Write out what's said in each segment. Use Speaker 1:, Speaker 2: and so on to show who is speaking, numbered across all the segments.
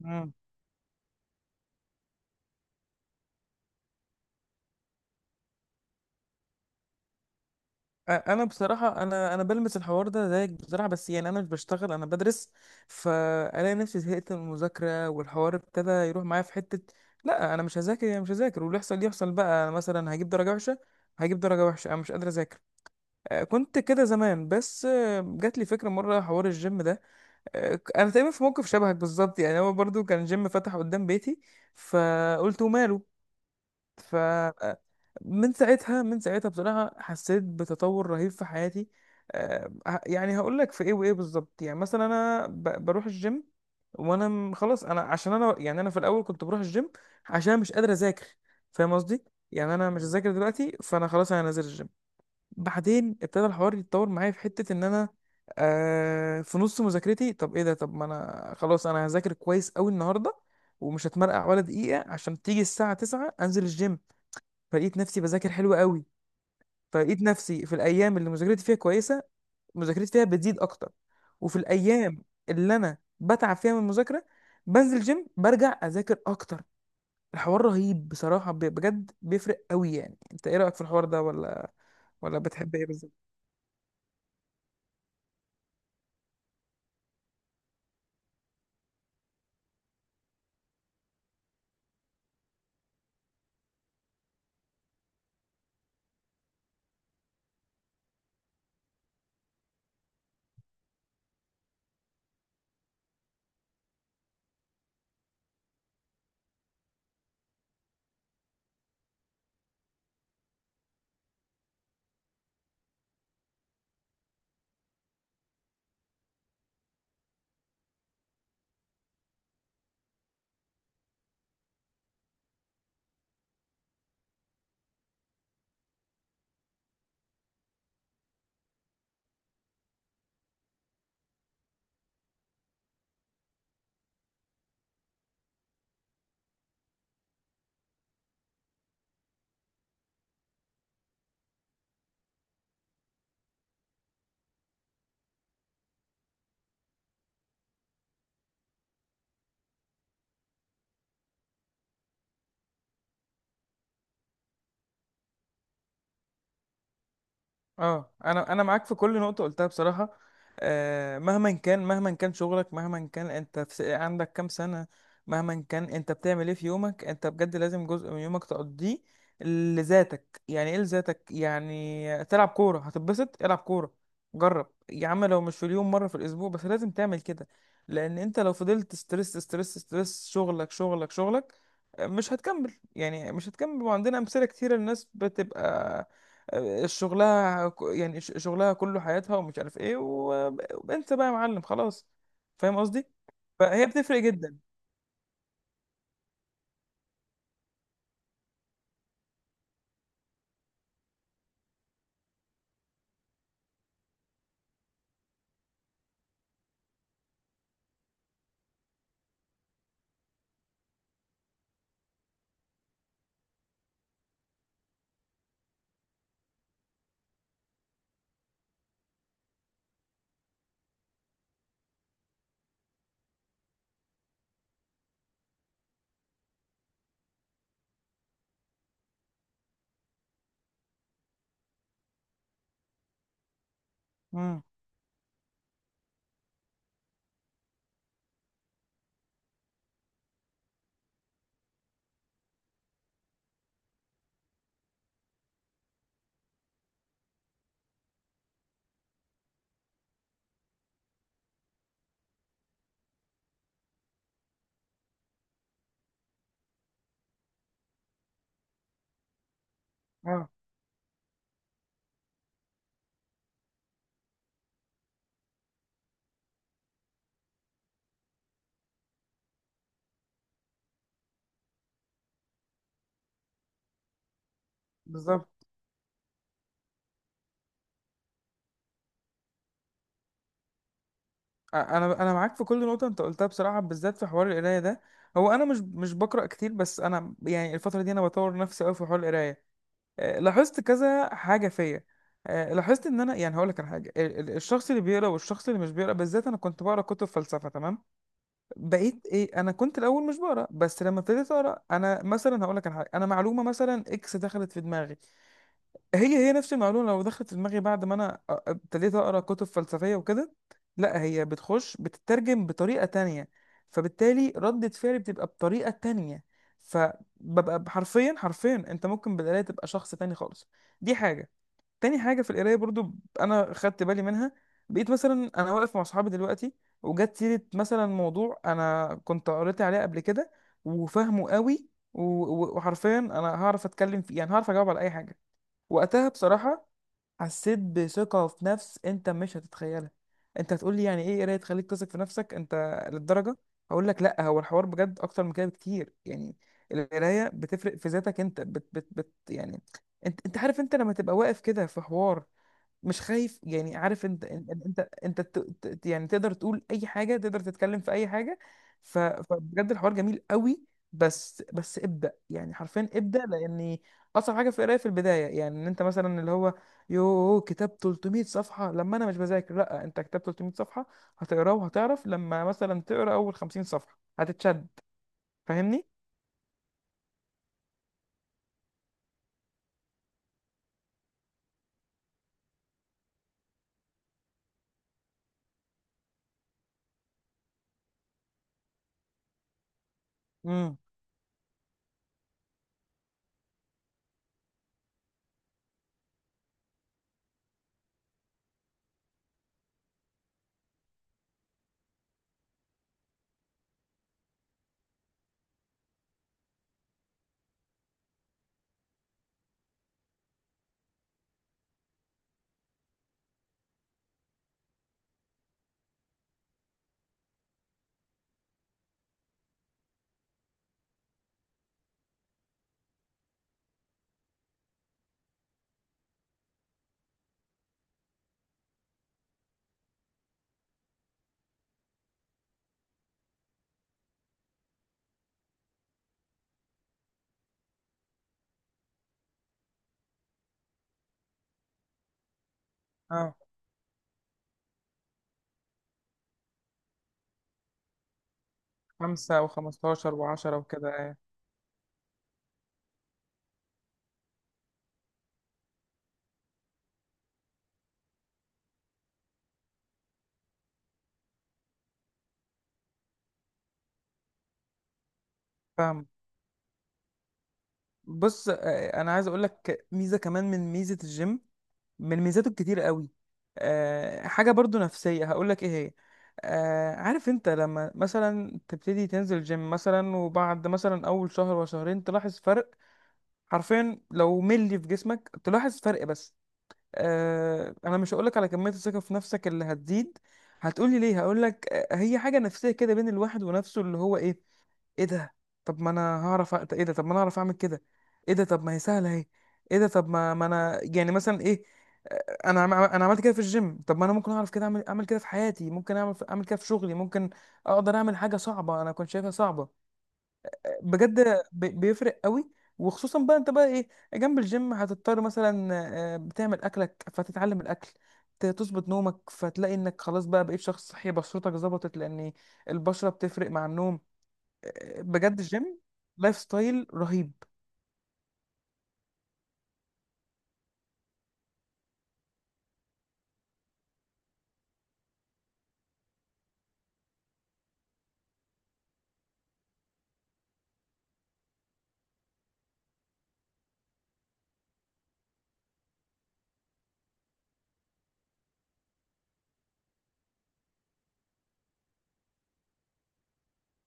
Speaker 1: مم. انا بصراحه، انا بلمس الحوار ده زيك بصراحه، بس يعني انا مش بشتغل، انا بدرس. فانا نفسي زهقت من المذاكره والحوار ابتدى يروح معايا في حته. لا، انا مش هذاكر، يعني مش هذاكر، واللي يحصل يحصل بقى. انا مثلا هجيب درجه وحشه، هجيب درجه وحشه، انا مش قادر اذاكر. كنت كده زمان، بس جات لي فكره مره حوار الجيم ده. انا تقريبا في موقف شبهك بالظبط، يعني هو برضو كان جيم فتح قدام بيتي فقلت وماله. ف من ساعتها، من ساعتها بصراحة حسيت بتطور رهيب في حياتي. يعني هقول لك في ايه وايه بالظبط. يعني مثلا انا بروح الجيم، وانا خلاص، انا عشان انا يعني انا في الاول كنت بروح الجيم عشان مش قادر اذاكر، فاهم قصدي؟ يعني انا مش ذاكر دلوقتي، فانا خلاص انا نازل الجيم. بعدين ابتدى الحوار يتطور معايا في حتة ان انا في نص مذاكرتي، طب ايه ده؟ طب ما انا خلاص انا هذاكر كويس قوي النهارده، ومش هتمرقع ولا دقيقة عشان تيجي الساعة 9 انزل الجيم. فلقيت نفسي بذاكر حلو قوي. فلقيت نفسي في الايام اللي مذاكرتي فيها كويسه مذاكرتي فيها بتزيد اكتر، وفي الايام اللي انا بتعب فيها من المذاكره بنزل جيم، برجع اذاكر اكتر. الحوار رهيب بصراحه، بجد بيفرق قوي. يعني انت ايه رايك في الحوار ده، ولا بتحب ايه بالظبط؟ اه، انا معاك في كل نقطه قلتها بصراحه. مهما كان، مهما كان شغلك، مهما كان انت في عندك كام سنه، مهما كان انت بتعمل ايه في يومك، انت بجد لازم جزء من يومك تقضيه لذاتك. يعني ايه لذاتك؟ يعني تلعب كوره هتتبسط، العب كوره، جرب يا عم، لو مش في اليوم مره في الاسبوع، بس لازم تعمل كده. لان انت لو فضلت ستريس ستريس ستريس، شغلك شغلك شغلك، مش هتكمل، يعني مش هتكمل. وعندنا امثله كتيره، الناس بتبقى شغلها يعني شغلها كله حياتها ومش عارف ايه، وانت بقى يا معلم خلاص، فاهم قصدي؟ فهي بتفرق جدا. امم، اه بالظبط. انا معاك في كل نقطه انت قلتها بصراحه، بالذات في حوار القرايه ده. هو انا مش بقرا كتير، بس انا يعني الفتره دي انا بطور نفسي قوي في حوار القرايه. لاحظت كذا حاجه فيا. لاحظت ان انا، يعني هقول لك على حاجه، الشخص اللي بيقرا والشخص اللي مش بيقرا. بالذات انا كنت بقرا كتب فلسفه، تمام؟ بقيت ايه، انا كنت الاول مش بقرا، بس لما ابتديت اقرا، انا مثلا هقول لك على حاجه، انا معلومه مثلا اكس دخلت في دماغي، هي نفس المعلومه لو دخلت في دماغي بعد ما انا ابتديت اقرا كتب فلسفيه وكده، لا هي بتخش بتترجم بطريقه تانية، فبالتالي ردة فعلي بتبقى بطريقه تانية. فببقى حرفيا، حرفيا انت ممكن بالقرايه تبقى شخص تاني خالص. دي حاجه. تاني حاجة في القراية برضو، أنا خدت بالي منها، بقيت مثلا أنا واقف مع صحابي دلوقتي وجت سيرة مثلا موضوع أنا كنت قريت عليه قبل كده وفاهمه قوي، وحرفيا أنا هعرف أتكلم فيه، يعني هعرف أجاوب على أي حاجة. وقتها بصراحة حسيت بثقة في نفس أنت مش هتتخيلها. أنت هتقول لي يعني إيه قراية تخليك تثق في نفسك أنت للدرجة؟ هقول لك لأ، هو الحوار بجد أكتر من كده بكتير. يعني القراية بتفرق في ذاتك أنت، بت بت بت يعني أنت عارف. أنت لما تبقى واقف كده في حوار مش خايف، يعني عارف انت يعني تقدر تقول اي حاجه، تقدر تتكلم في اي حاجه. فبجد الحوار جميل قوي. بس ابدا، يعني حرفيا ابدا. لان اصعب حاجه في القرايه في البدايه، يعني ان انت مثلا اللي هو يو كتاب 300 صفحه، لما انا مش بذاكر؟ لا، انت كتاب 300 صفحه هتقراه، وهتعرف لما مثلا تقرا اول 50 صفحه هتتشد، فاهمني؟ امم، اه، خمسة وخمستاشر وعشرة وكده، فاهم. بص، انا عايز اقول لك ميزه كمان من ميزه الجيم، من ميزاته الكتير قوي. أه، حاجة برضو نفسية، هقولك ايه هي. أه، عارف انت لما مثلا تبتدي تنزل جيم مثلا، وبعد مثلا اول شهر وشهرين تلاحظ فرق، حرفيا لو ملي في جسمك تلاحظ فرق. بس أه، انا مش هقولك على كمية الثقة في نفسك اللي هتزيد. هتقولي ليه؟ هقولك هي حاجة نفسية كده بين الواحد ونفسه، اللي هو ايه، ايه ده؟ طب ما انا هعرف ايه ده؟ طب ما انا هعرف اعمل كده. ايه ده؟ طب ما هي سهلة اهي. ايه ده؟ طب ما ما انا يعني مثلا ايه، انا عملت كده في الجيم، طب ما انا ممكن اعرف كده اعمل، اعمل كده في حياتي، ممكن اعمل، اعمل كده في شغلي، ممكن اقدر اعمل حاجه صعبه انا كنت شايفها صعبه. بجد بيفرق قوي. وخصوصا بقى انت بقى ايه، جنب الجيم هتضطر مثلا بتعمل اكلك فتتعلم الاكل، تظبط نومك، فتلاقي انك خلاص بقى بقيت شخص صحي، بشرتك ظبطت لان البشره بتفرق مع النوم. بجد الجيم لايف ستايل رهيب.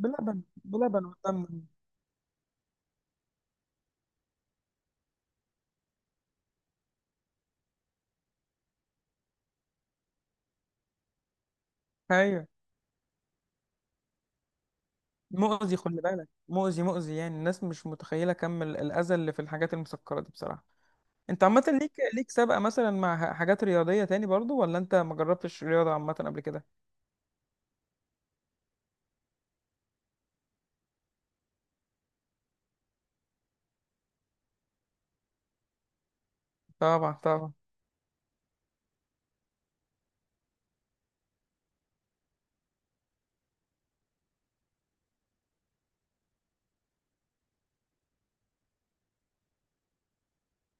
Speaker 1: بلبن بلبن وتمن، ايوه. مؤذي، خلي بالك، مؤذي مؤذي، يعني الناس مش متخيلة كم الأذى اللي في الحاجات المسكرة دي بصراحة. انت عامة ليك، ليك سابقة مثلا مع حاجات رياضية تاني برضو، ولا انت ما جربتش رياضة عامة قبل كده؟ طبعا، طبعا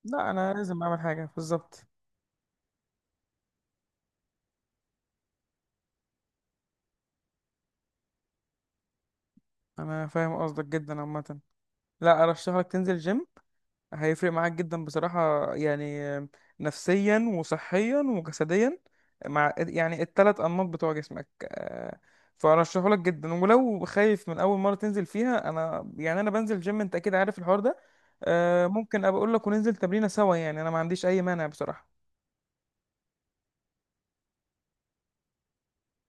Speaker 1: لا، انا لازم اعمل حاجة بالظبط. انا فاهم قصدك جدا. عامة، لا، ارشح لك تنزل جيم، هيفرق معاك جدا بصراحة، يعني نفسيا وصحيا وجسديا، مع يعني التلات أنماط بتوع جسمك. فأرشحه لك جدا، ولو خايف من أول مرة تنزل فيها، أنا يعني أنا بنزل جيم، أنت أكيد عارف الحوار ده. ممكن أبقى أقول لك وننزل تمرينة سوا، يعني أنا ما عنديش أي مانع بصراحة.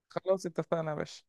Speaker 1: خلاص، اتفقنا يا باشا.